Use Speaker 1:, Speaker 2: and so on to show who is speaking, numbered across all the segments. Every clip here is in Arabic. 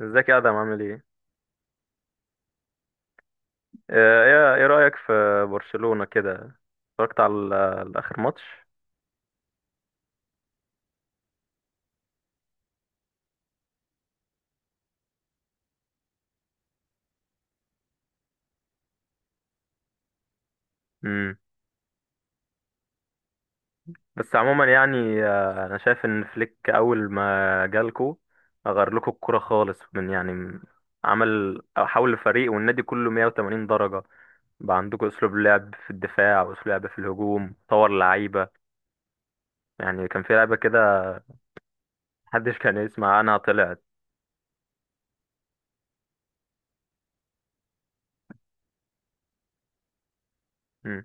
Speaker 1: ازيك يا ادم، عامل ايه؟ ايه رايك في برشلونه كده؟ اتفرجت على اخر ماتش. امم. بس عموما يعني، انا شايف ان فليك اول ما جالكو غير لكم الكوره خالص عمل حول الفريق والنادي كله 180 درجه. بقى عندكم اسلوب لعب في الدفاع واسلوب لعب في الهجوم، طور لعيبه يعني كان في لعيبه كده محدش كان يسمع عنها طلعت. امم.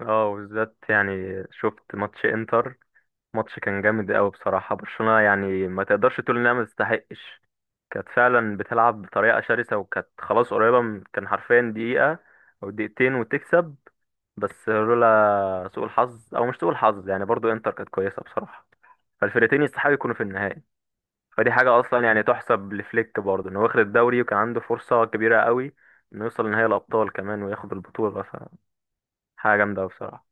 Speaker 1: اه، وبالذات يعني شفت ماتش انتر. ماتش كان جامد قوي بصراحة. برشلونة يعني ما تقدرش تقول انها ما تستحقش. كانت فعلا بتلعب بطريقة شرسة، وكانت خلاص قريبة من، كان حرفيا دقيقة او دقيقتين وتكسب. بس لولا سوء الحظ او مش سوء الحظ يعني، برضو انتر كانت كويسة بصراحة. فالفرقتين يستحقوا يكونوا في النهائي. فدي حاجة اصلا يعني تحسب لفليك برضو، انه واخد الدوري وكان عنده فرصة كبيرة قوي انه يوصل لنهائي الابطال كمان وياخد البطولة. فحاجة جامدة أوي بصراحة.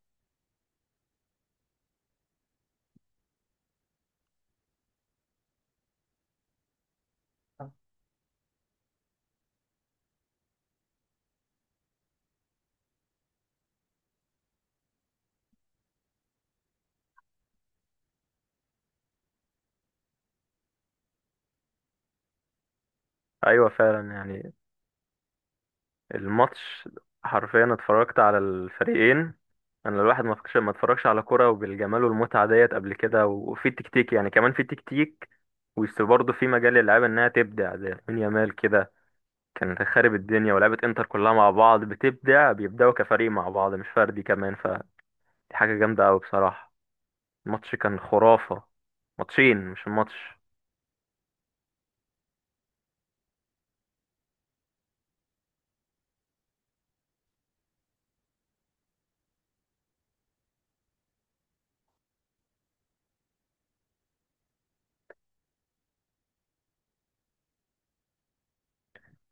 Speaker 1: ايوه فعلا، يعني الماتش حرفيا اتفرجت على الفريقين. انا الواحد ما فكش ما اتفرجش على كرة وبالجمال والمتعة ديت قبل كده، وفي تكتيك، يعني كمان في تكتيك. وبرضه في مجال للعيبة انها تبدع، زي لامين يامال كده كان خارب الدنيا. ولعبة انتر كلها مع بعض بتبدع، بيبدعوا كفريق مع بعض مش فردي كمان. فدي حاجة جامدة قوي بصراحة. الماتش كان خرافة. ماتشين، مش الماتش.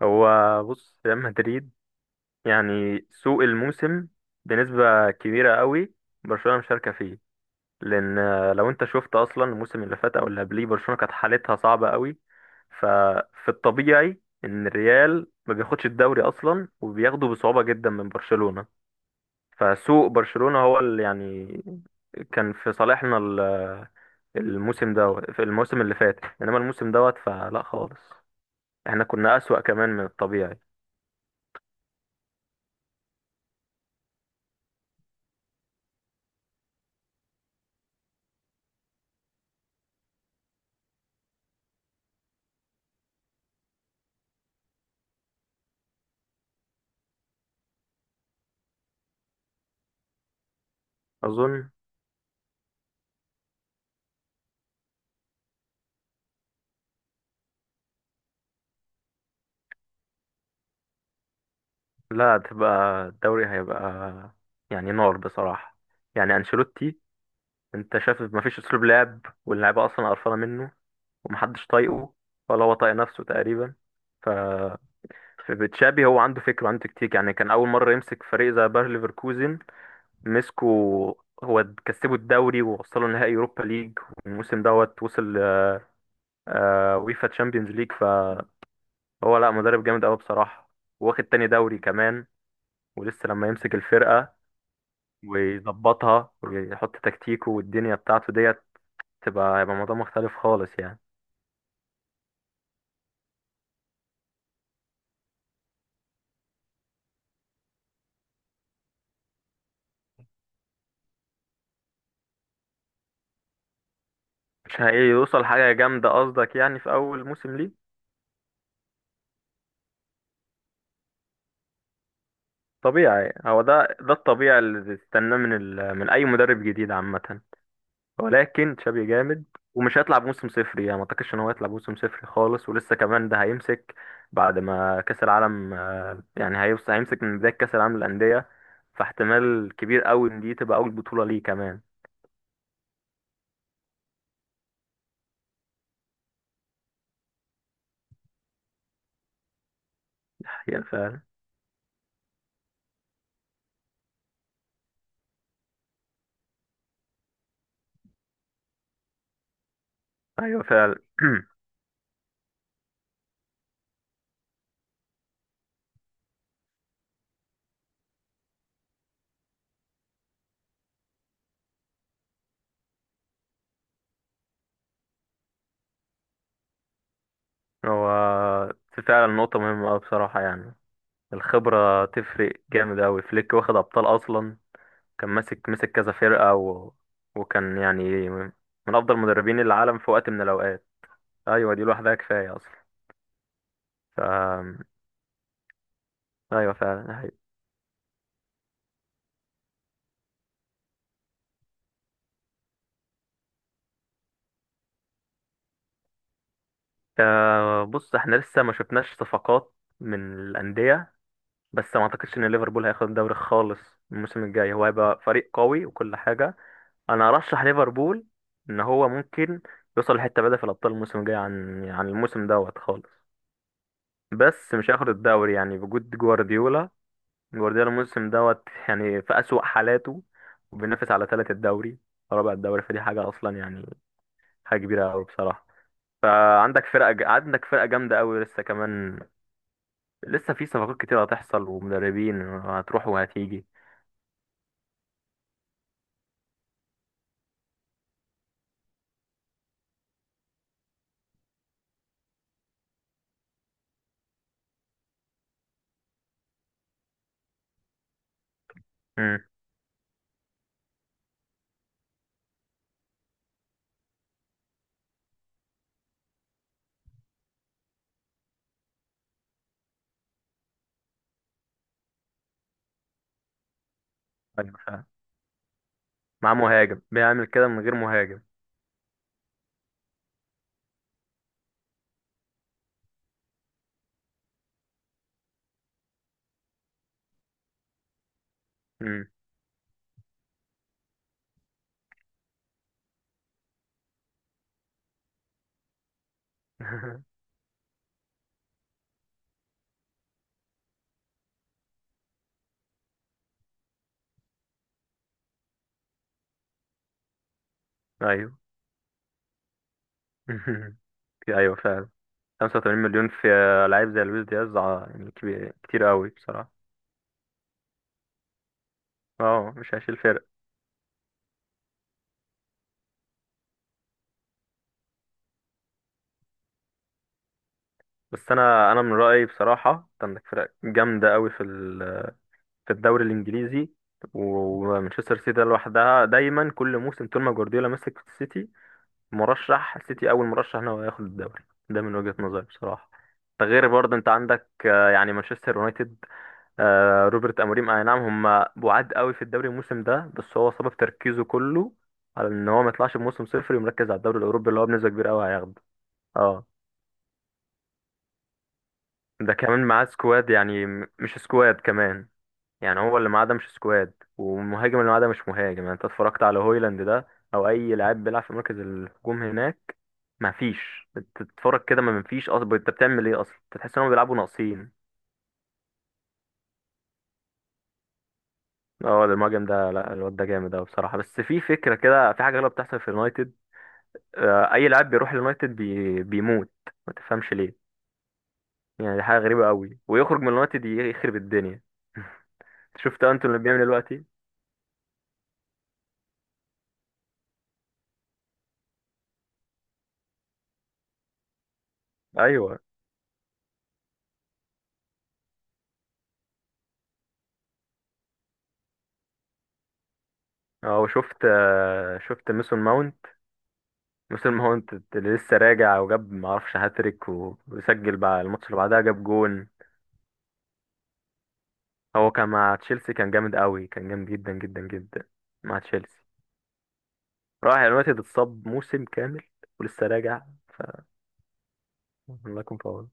Speaker 1: هو بص، ريال مدريد يعني سوق الموسم بنسبة كبيرة قوي برشلونة مشاركة فيه، لان لو انت شفت اصلا الموسم اللي فات او اللي قبليه، برشلونه كانت حالتها صعبه قوي. ففي الطبيعي ان الريال ما بياخدش الدوري اصلا، وبياخده بصعوبه جدا من برشلونه. فسوء برشلونه هو اللي يعني كان في صالحنا الموسم ده، في الموسم اللي فات. انما الموسم دوت فلا خالص، احنا كنا اسوأ كمان من الطبيعي. اظن لا، هتبقى، الدوري هيبقى يعني نار بصراحه. يعني انشيلوتي، انت شايف مفيش اسلوب لعب، واللعيبه اصلا قرفانه منه ومحدش طايقه ولا هو طايق نفسه تقريبا. ف في بتشابي هو عنده فكرة وعنده تكتيك، يعني كان أول مرة يمسك فريق زي باير ليفركوزن مسكه، هو كسبه الدوري ووصله نهائي يوروبا ليج. والموسم دوت وصل آه ويفا تشامبيونز ليج. فهو لا، مدرب جامد أوي بصراحة. واخد تاني دوري كمان. ولسه لما يمسك الفرقة ويظبطها ويحط تكتيكه والدنيا بتاعته ديت، هيبقى موضوع مختلف خالص يعني. مش هيوصل حاجة جامدة قصدك يعني في أول موسم ليه. طبيعي، هو ده الطبيعي اللي تستناه من من أي مدرب جديد عامة. ولكن تشابي جامد، ومش هيطلع بموسم صفر يعني، ما أعتقدش إن هو هيطلع بموسم صفر خالص. ولسه كمان ده هيمسك بعد ما كأس العالم، يعني هيوصل، هيمسك من بداية كأس العالم للأندية. فاحتمال كبير قوي إن دي تبقى أول بطولة ليه كمان. يعني فعلا. أيوه فعلا. هو فعلا نقطة مهمة أوي بصراحة يعني. الخبرة تفرق جامد أوي. فليك واخد أبطال أصلا، كان ماسك، مسك كذا فرقة وكان يعني من أفضل مدربين العالم في وقت من الأوقات. أيوة دي لوحدها كفاية أصلا. ف... أيوة فعلا، ده حقيقي. آه بص، احنا لسه ما شفناش صفقات من الأندية. بس ما أعتقدش إن ليفربول هياخد الدوري خالص الموسم الجاي. هو هيبقى فريق قوي وكل حاجة. أنا أرشح ليفربول إن هو ممكن يوصل لحتة بعيدة في الأبطال الموسم الجاي عن الموسم دوت خالص. بس مش هياخد الدوري يعني بوجود جوارديولا. جوارديولا الموسم دوت يعني في أسوأ حالاته، وبينافس على تالت الدوري، رابع الدوري. فدي حاجة أصلا يعني، حاجة كبيرة أوي بصراحة. فعندك فرقة ج... عندك فرقة جامدة أوي لسه كمان، لسه في صفقات كتير هتحصل ومدربين هتروح وهتيجي. امم. أيوة فعلا. مع مهاجم بيعمل كده من غير مهاجم. امم. أيوه. أيوه فعلا. 85 مليون في لعيب زي لويس دياز، ع- يعني كبير كتير أوي بصراحة. اه مش هيشيل فرق. بس انا من رايي بصراحه، أنت عندك فرق جامده قوي في الدوري الانجليزي. ومانشستر سيتي ده لوحدها دايما، كل موسم طول ما جوارديولا مسك في السيتي، مرشح السيتي اول مرشح ان هو ياخد الدوري. ده من وجهه نظري بصراحه. ده غير برضه انت عندك يعني مانشستر يونايتد، روبرت اموريم، اي نعم. هم بعاد قوي في الدوري الموسم ده، بس هو سبب تركيزه كله على ان هو ما يطلعش بموسم صفر، ومركز على الدوري الاوروبي اللي هو بنسبه كبيره قوي هياخده. اه ده كمان معاه سكواد، يعني مش سكواد كمان. يعني هو اللي معاه ده مش سكواد، والمهاجم اللي معاه ده مش مهاجم. يعني انت اتفرجت على هويلاند ده، او اي لاعب بيلعب في مركز الهجوم هناك، ما فيش. تتفرج كده، ما فيش اصلا. انت بتعمل ايه اصلا؟ انت تحس انهم بيلعبوا ناقصين. اه ده المهاجم، ده لا، الواد ده جامد اوي بصراحه. بس في فكره كده، في حاجه غلط بتحصل في اليونايتد. اي لاعب بيروح اليونايتد بيموت. ما تفهمش ليه. يعني دي حاجه غريبه قوي، ويخرج من اليونايتد يخرب الدنيا. شفت انتوا اللي بيعمل إيه دلوقتي. ايوه. اه وشفت آه، شفت ميسون ماونت. ميسون ماونت اللي لسه راجع وجاب معرفش هاتريك، و- وسجل بقى الماتش اللي بعدها جاب جون. هو كان مع تشيلسي كان جامد قوي، كان جامد جدا جدا جدا مع تشيلسي. راح اليونايتد، اتصاب موسم كامل، ولسه راجع. ف، الله يكون في عونه.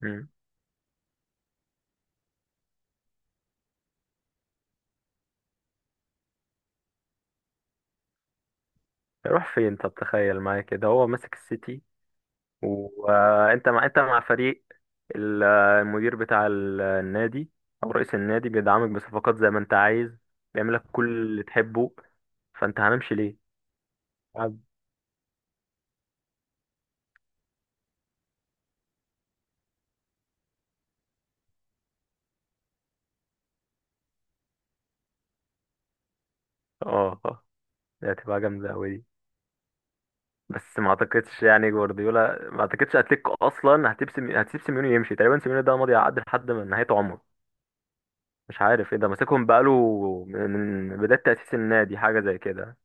Speaker 1: مم. يروح فين؟ طب تخيل معايا كده، هو ماسك السيتي، وانت مع فريق، المدير بتاع النادي او رئيس النادي بيدعمك بصفقات زي ما انت عايز، بيعمل لك كل اللي تحبه. فانت هنمشي ليه؟ عبد. اه دي هتبقى جامده قوي دي. بس ما اعتقدش يعني جوارديولا، ما اعتقدش اتلتيكو اصلا هتسيب سيميوني يمشي. تقريبا سيميوني ده ماضي عقد لحد من نهايه عمره، مش عارف ايه، ده ماسكهم بقاله من من بدايه تاسيس النادي حاجه زي كده.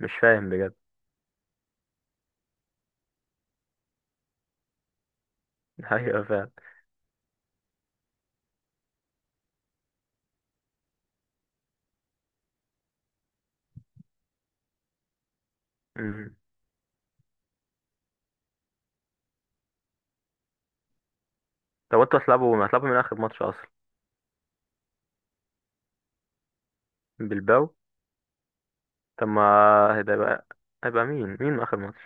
Speaker 1: مش فاهم بجد. ايوه فعلا. مم. طب انتوا هتلعبوا من اخر ماتش اصلا بالباو. طب ما هيبقى، هيبقى مين اخر ماتش؟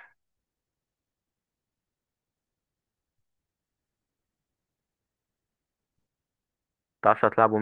Speaker 1: متعرفش هتلعبوا